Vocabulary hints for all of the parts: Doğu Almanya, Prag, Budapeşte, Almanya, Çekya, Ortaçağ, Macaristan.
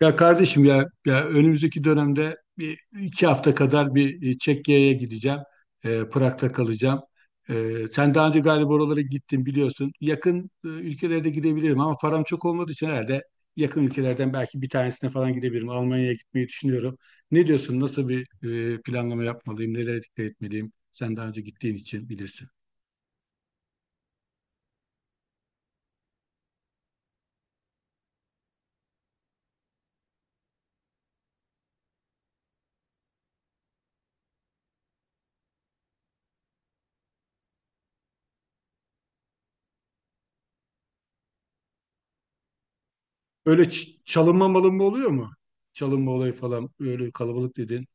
Ya kardeşim ya, ya önümüzdeki dönemde bir iki hafta kadar bir Çekya'ya gideceğim. Prag'da kalacağım. Sen daha önce galiba oralara gittin biliyorsun. Yakın ülkelerde gidebilirim ama param çok olmadığı için herhalde yakın ülkelerden belki bir tanesine falan gidebilirim. Almanya'ya gitmeyi düşünüyorum. Ne diyorsun? Nasıl bir planlama yapmalıyım? Nelere dikkat etmeliyim? Sen daha önce gittiğin için bilirsin. Öyle çalınma malınma oluyor mu? Çalınma olayı falan. Öyle kalabalık dedin.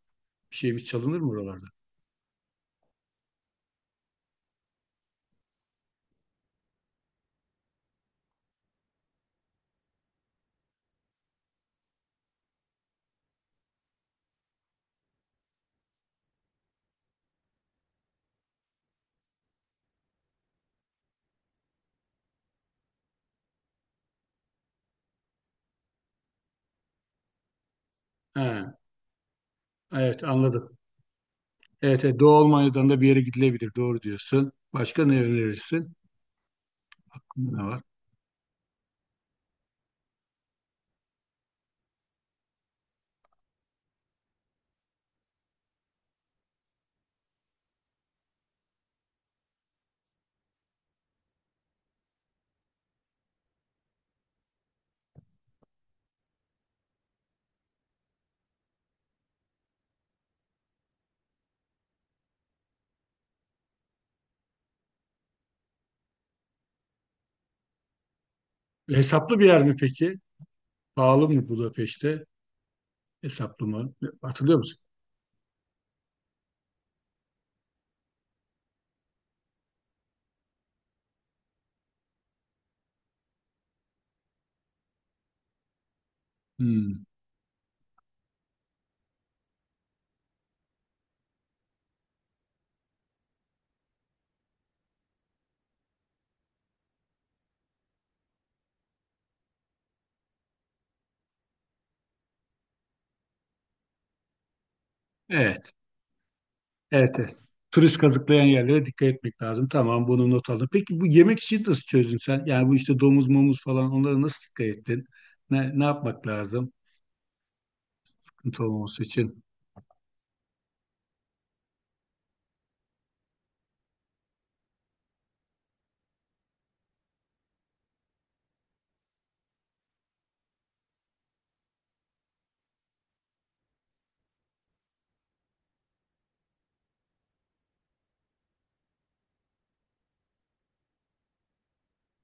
Bir şeyimiz çalınır mı oralarda? He. Evet anladım. Evet, evet, Doğu Almanya'dan da bir yere gidilebilir. Doğru diyorsun. Başka ne önerirsin? Ne var? E, hesaplı bir yer mi peki? Pahalı mı Budapeşte? Hesaplı mı? Hatırlıyor musun? Hmm. Evet. Evet, evet. Turist kazıklayan yerlere dikkat etmek lazım. Tamam bunu not aldım. Peki bu yemek için nasıl çözdün sen? Yani bu işte domuz momuz falan onlara nasıl dikkat ettin? Ne, ne yapmak lazım? Sıkıntı olmaması için.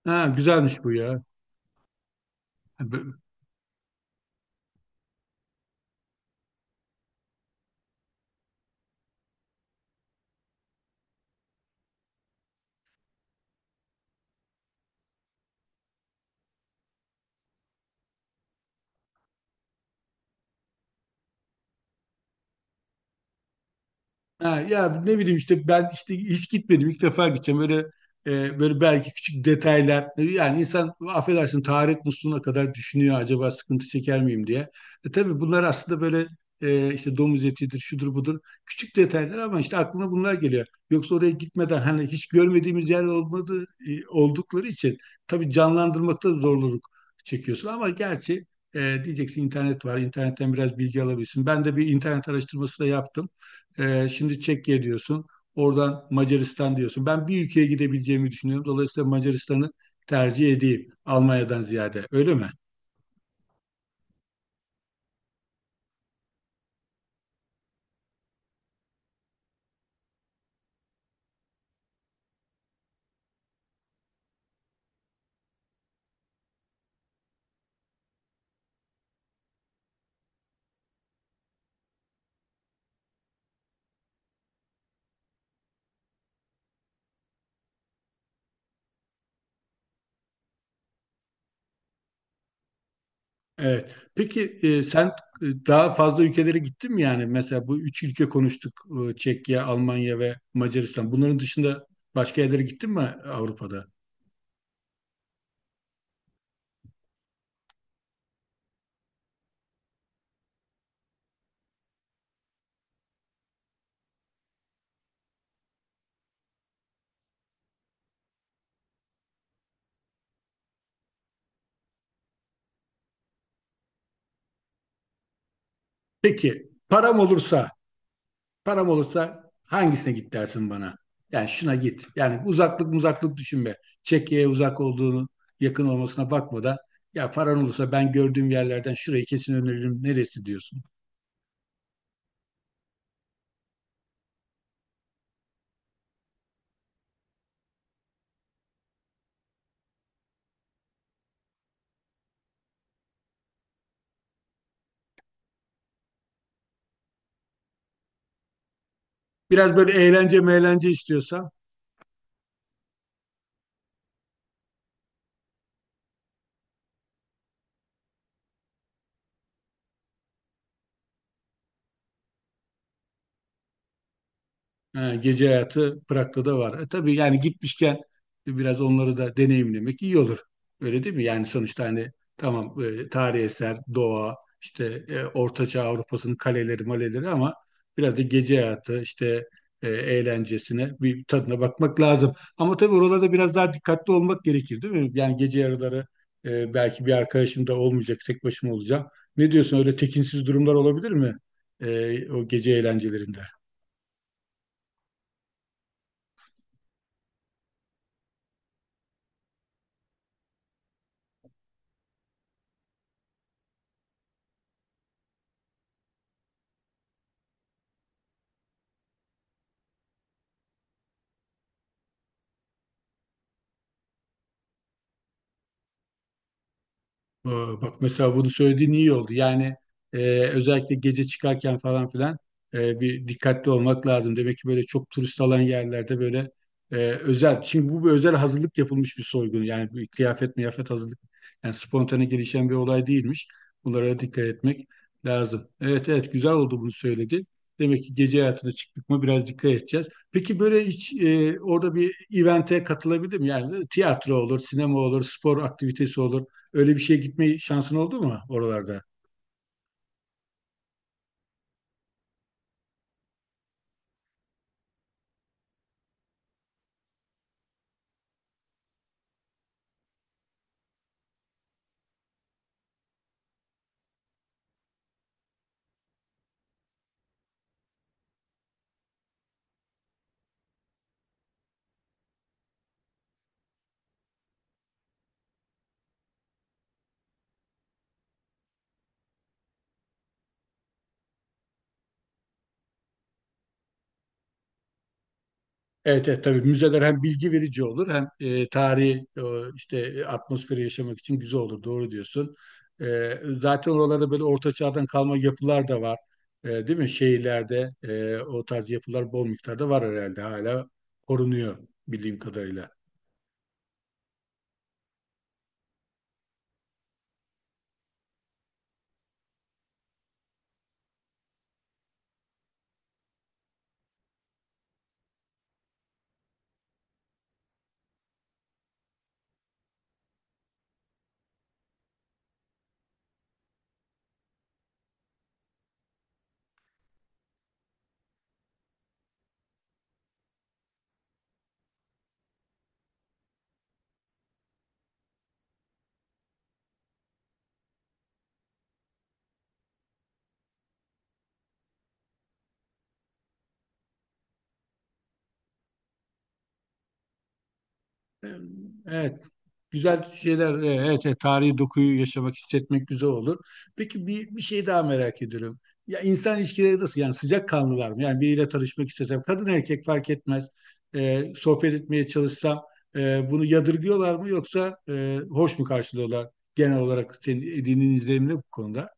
Ha, güzelmiş bu ya. Ha, ya ne bileyim işte ben işte hiç gitmedim ilk defa gideceğim böyle böyle belki küçük detaylar yani insan affedersin taharet musluğuna kadar düşünüyor acaba sıkıntı çeker miyim diye. Tabii bunlar aslında böyle işte domuz etidir şudur budur küçük detaylar ama işte aklına bunlar geliyor. Yoksa oraya gitmeden hani hiç görmediğimiz yer olmadığı oldukları için tabii canlandırmakta zorluk çekiyorsun ama gerçi diyeceksin internet var internetten biraz bilgi alabilirsin. Ben de bir internet araştırması da yaptım. Şimdi Çekya diyorsun. Oradan Macaristan diyorsun. Ben bir ülkeye gidebileceğimi düşünüyorum. Dolayısıyla Macaristan'ı tercih edeyim Almanya'dan ziyade. Öyle mi? Evet. Peki sen daha fazla ülkelere gittin mi yani? Mesela bu üç ülke konuştuk. Çekya, Almanya ve Macaristan. Bunların dışında başka yerlere gittin mi Avrupa'da? Peki param olursa. Param olursa hangisine git dersin bana? Yani şuna git. Yani uzaklık düşünme. Çekya'ya uzak olduğunu, yakın olmasına bakma da ya paran olursa ben gördüğüm yerlerden şurayı kesin öneririm. Neresi diyorsun? Biraz böyle eğlence meğlence istiyorsa. Ha, gece hayatı Prag'da da var. E, tabii yani gitmişken biraz onları da deneyimlemek iyi olur. Öyle değil mi? Yani sonuçta hani tamam tarihi eser, doğa, işte Ortaçağ Avrupa'sının kaleleri, maleleri ama biraz da gece hayatı, işte eğlencesine bir tadına bakmak lazım. Ama tabii oralarda biraz daha dikkatli olmak gerekir değil mi? Yani gece yarıları belki bir arkadaşım da olmayacak, tek başıma olacağım. Ne diyorsun öyle tekinsiz durumlar olabilir mi? O gece eğlencelerinde? Ee, Bak mesela bunu söylediğin iyi oldu. Yani özellikle gece çıkarken falan filan bir dikkatli olmak lazım. Demek ki böyle çok turist alan yerlerde böyle özel. Çünkü bu bir özel hazırlık yapılmış bir soygun. Yani bir kıyafet miyafet hazırlık. Yani spontane gelişen bir olay değilmiş. Bunlara dikkat etmek lazım. Evet evet güzel oldu bunu söyledi. Demek ki gece hayatına çıktık mı biraz dikkat edeceğiz. Peki böyle hiç orada bir event'e katılabilir miyim? Yani tiyatro olur, sinema olur, spor aktivitesi olur. Öyle bir şeye gitme şansın oldu mu oralarda? Evet, evet tabii müzeler hem bilgi verici olur hem tarihi işte atmosferi yaşamak için güzel olur. Doğru diyorsun. E, zaten oralarda böyle orta çağdan kalma yapılar da var. E, değil mi? Şehirlerde o tarz yapılar bol miktarda var herhalde. Hala korunuyor bildiğim kadarıyla. Evet. Güzel şeyler. Evet, evet, tarihi dokuyu yaşamak, hissetmek güzel olur. Peki bir şey daha merak ediyorum. Ya insan ilişkileri nasıl? Yani sıcakkanlılar mı? Yani biriyle tanışmak istesem, kadın erkek fark etmez. Sohbet etmeye çalışsam bunu yadırgıyorlar mı yoksa hoş mu karşılıyorlar genel olarak senin edindiğin izlenim ne bu konuda?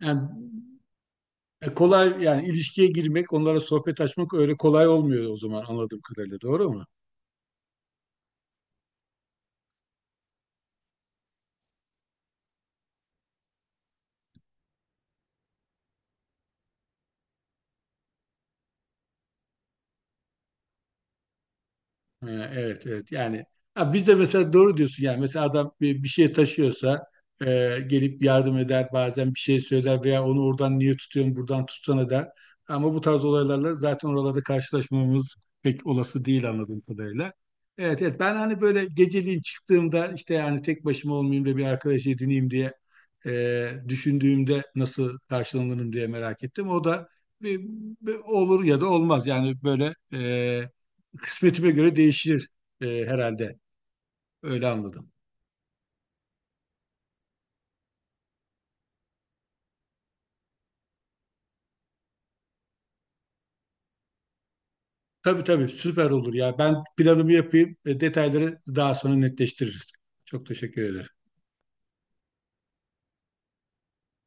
Yani kolay yani ilişkiye girmek, onlara sohbet açmak öyle kolay olmuyor o zaman anladığım kadarıyla. Doğru mu? Ha, evet evet yani ha, biz de mesela doğru diyorsun yani mesela adam bir şey taşıyorsa e, gelip yardım eder bazen bir şey söyler veya onu oradan niye tutuyorsun buradan tutsana der. Ama bu tarz olaylarla zaten oralarda karşılaşmamız pek olası değil anladığım kadarıyla. Evet evet ben hani böyle geceliğin çıktığımda işte yani tek başıma olmayayım da bir arkadaş edineyim diye düşündüğümde nasıl karşılanırım diye merak ettim. O da bir, bir olur ya da olmaz yani böyle kısmetime göre değişir herhalde. Öyle anladım. Tabii tabii süper olur ya. Ben planımı yapayım. Detayları daha sonra netleştiririz. Çok teşekkür ederim.